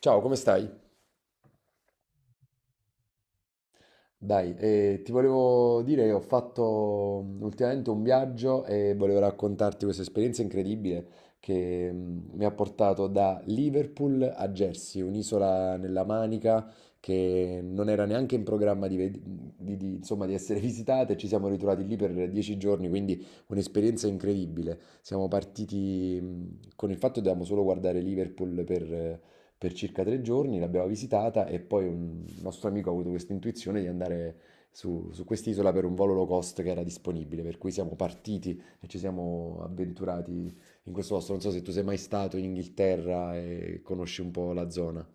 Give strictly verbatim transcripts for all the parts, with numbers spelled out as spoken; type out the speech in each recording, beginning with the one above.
Ciao, come stai? Dai, eh, ti volevo dire che ho fatto mm, ultimamente un viaggio e volevo raccontarti questa esperienza incredibile che mm, mi ha portato da Liverpool a Jersey, un'isola nella Manica che non era neanche in programma di, ved- di- di- insomma, di essere visitata e ci siamo ritrovati lì per dieci giorni, quindi un'esperienza incredibile. Siamo partiti mm, con il fatto che dovevamo solo guardare Liverpool per... eh, per circa tre giorni, l'abbiamo visitata e poi un nostro amico ha avuto questa intuizione di andare su, su quest'isola per un volo low cost che era disponibile, per cui siamo partiti e ci siamo avventurati in questo posto. Non so se tu sei mai stato in Inghilterra e conosci un po' la zona.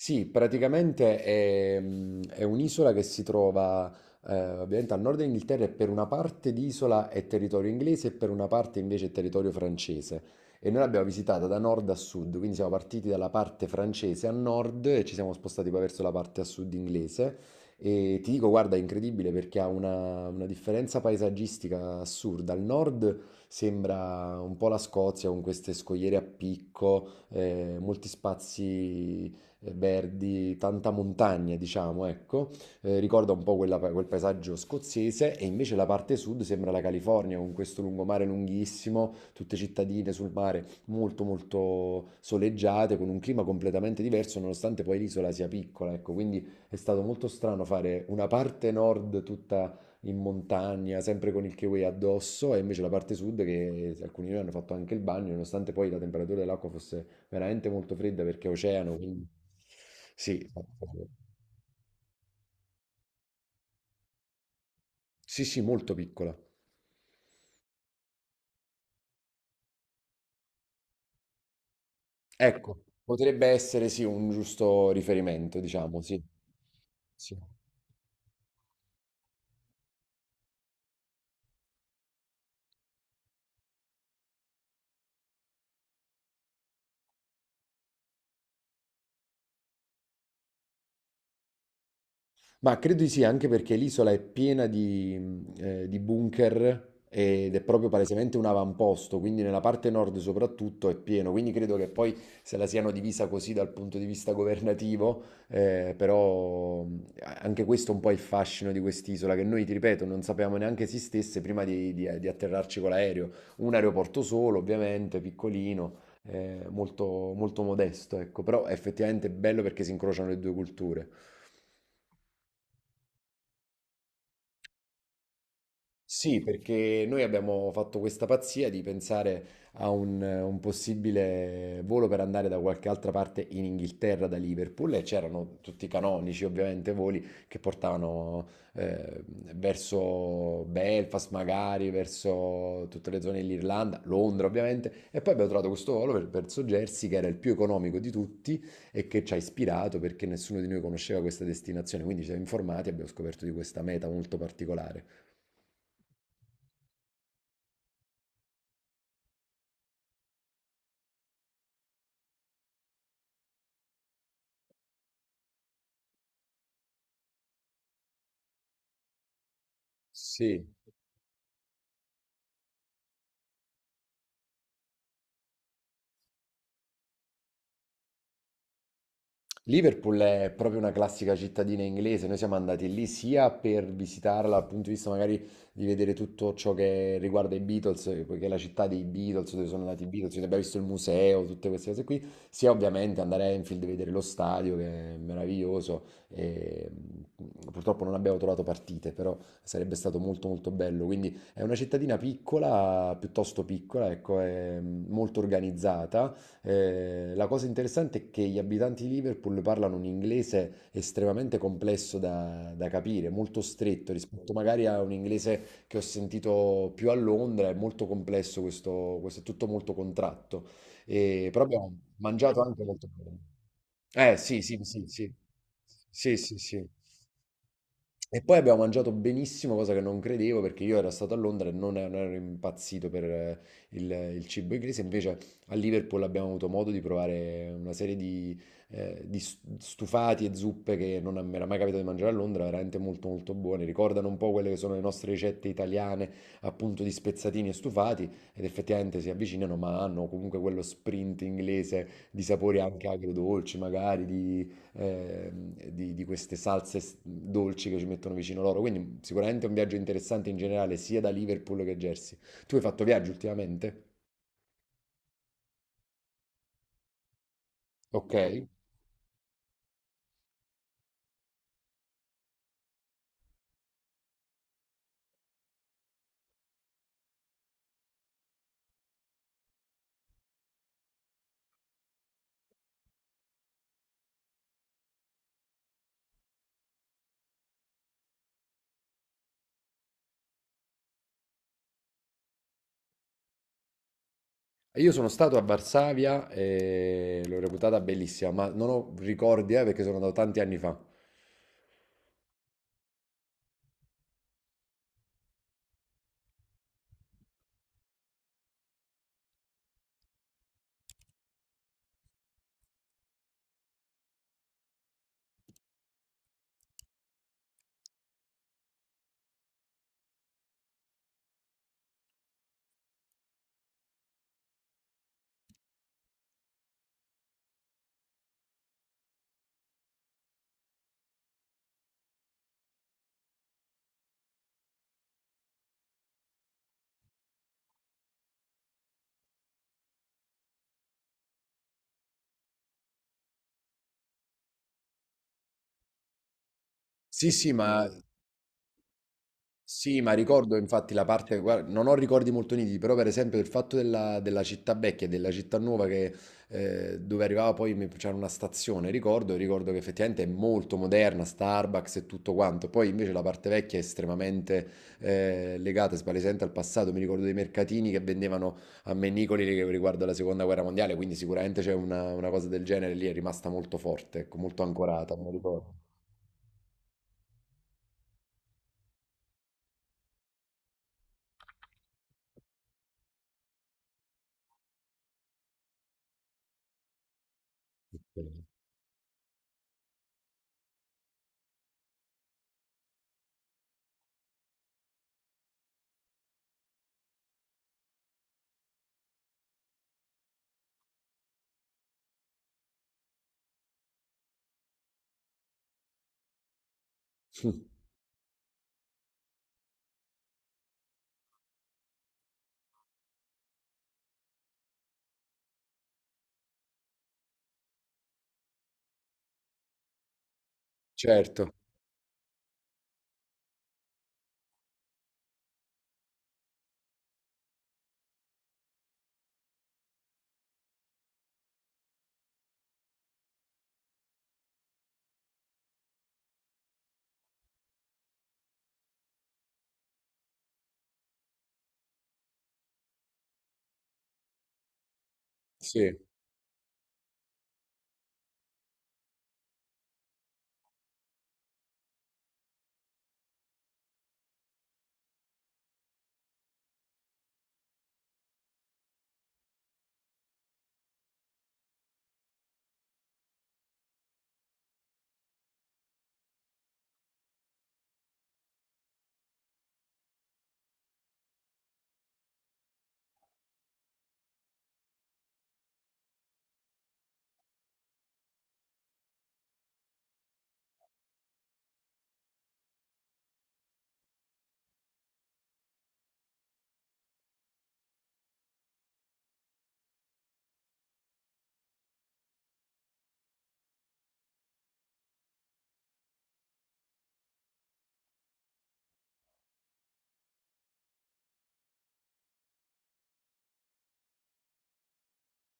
Sì, praticamente è, mm, è un'isola che si trova eh, ovviamente al nord dell'Inghilterra e per una parte di isola è territorio inglese e per una parte invece è territorio francese. E noi l'abbiamo visitata da nord a sud, quindi siamo partiti dalla parte francese a nord e ci siamo spostati poi verso la parte a sud inglese. E ti dico, guarda, è incredibile perché ha una, una differenza paesaggistica assurda. Al nord sembra un po' la Scozia con queste scogliere a picco eh, molti spazi eh, verdi, tanta montagna, diciamo, ecco. Eh, ricorda un po' quella pa- quel paesaggio scozzese e invece la parte sud sembra la California con questo lungomare lunghissimo, tutte cittadine sul mare molto molto soleggiate, con un clima completamente diverso nonostante poi l'isola sia piccola, ecco, quindi è stato molto strano fare una parte nord tutta in montagna, sempre con il kiwi addosso, e invece la parte sud che alcuni di noi hanno fatto anche il bagno, nonostante poi la temperatura dell'acqua fosse veramente molto fredda perché è oceano, quindi sì, eh, sì, sì, molto piccola. Ecco, potrebbe essere sì un giusto riferimento, diciamo, sì. Sì. Ma credo di sì, anche perché l'isola è piena di, mh, eh, di bunker ed è proprio palesemente un avamposto, quindi nella parte nord soprattutto è pieno, quindi credo che poi se la siano divisa così dal punto di vista governativo, eh, però mh, anche questo è un po' il fascino di quest'isola, che noi, ti ripeto, non sapevamo neanche esistesse prima di, di- di atterrarci con l'aereo. Un aeroporto solo, ovviamente, piccolino, eh, molto, molto modesto, ecco, però è effettivamente bello perché si incrociano le due culture. Sì, perché noi abbiamo fatto questa pazzia di pensare a un, un possibile volo per andare da qualche altra parte in Inghilterra da Liverpool e c'erano tutti i canonici ovviamente voli che portavano eh, verso Belfast magari, verso tutte le zone dell'Irlanda, Londra ovviamente e poi abbiamo trovato questo volo per- verso Jersey che era il più economico di tutti e che ci ha ispirato perché nessuno di noi conosceva questa destinazione, quindi ci siamo informati e abbiamo scoperto di questa meta molto particolare. Sì. Liverpool è proprio una classica cittadina inglese, noi siamo andati lì sia per visitarla dal punto di vista magari di vedere tutto ciò che riguarda i Beatles, eh, poiché è la città dei Beatles, dove sono nati i Beatles, quindi abbiamo visto il museo, tutte queste cose qui, sia ovviamente andare a Enfield e vedere lo stadio che è meraviglioso, e, mh, purtroppo non abbiamo trovato partite, però sarebbe stato molto molto bello, quindi è una cittadina piccola, piuttosto piccola, ecco, è mh, molto organizzata eh, La cosa interessante è che gli abitanti di Liverpool parlano un inglese estremamente complesso da, da capire, molto stretto rispetto magari a un inglese che ho sentito più a Londra, è molto complesso questo, questo è tutto molto contratto. E- però abbiamo mangiato anche molto bene. Eh sì, sì, sì, sì, sì, sì, sì. E poi abbiamo mangiato benissimo, cosa che non credevo perché io ero stato a Londra e non non ero impazzito per eh, il, il cibo inglese. Invece a Liverpool abbiamo avuto modo di provare una serie di, eh, di s- stufati e zuppe che non mi era mai capitato di mangiare a Londra, veramente molto molto buone. Ricordano un po' quelle che sono le nostre ricette italiane, appunto di spezzatini e stufati, ed effettivamente si avvicinano, ma hanno comunque quello sprint inglese di sapori anche agrodolci, magari di eh, di, di queste salse s- dolci che ci mettono vicino loro. Quindi sicuramente è un viaggio interessante in generale, sia da Liverpool che Jersey. Tu hai fatto viaggio ultimamente? Ok. Io sono stato a Varsavia e l'ho reputata bellissima, ma non ho ricordi, eh, perché sono andato tanti anni fa. Sì, sì, ma sì, ma ricordo infatti la parte, guarda, non ho ricordi molto nitidi, però per esempio il fatto della, della città vecchia e della città nuova che, eh, dove arrivava poi mi- c'era una stazione, ricordo, ricordo che effettivamente è molto moderna, Starbucks e tutto quanto, poi invece la parte vecchia è estremamente eh, legata, spalesente al passato, mi ricordo dei mercatini che vendevano a Mennicoli che- riguardo alla seconda guerra mondiale, quindi sicuramente c'è una, una cosa del genere lì, è rimasta molto forte, ecco, molto ancorata, me lo ricordo. Certo, sì,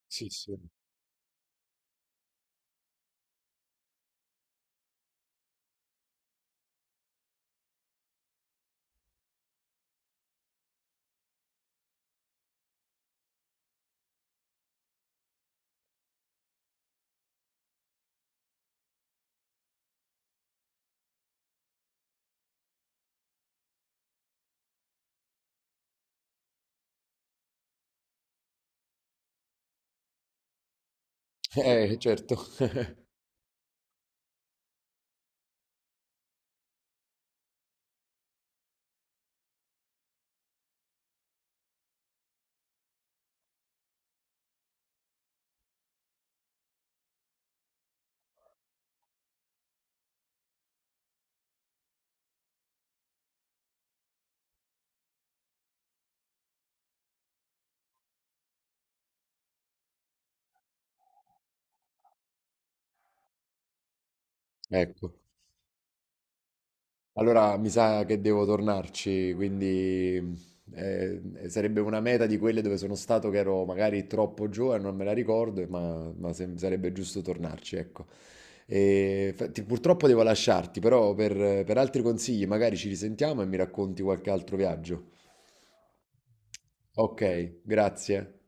sì, sì. Eh, certo. Ecco. Allora mi sa che devo tornarci, quindi ehm, eh, sarebbe una meta di quelle dove sono stato che ero magari troppo giovane, non me la ricordo, ma, ma se- sarebbe giusto tornarci, ecco. E, fa- ti- purtroppo devo lasciarti, però per, per altri consigli magari ci risentiamo e mi racconti qualche altro viaggio. Ok, grazie.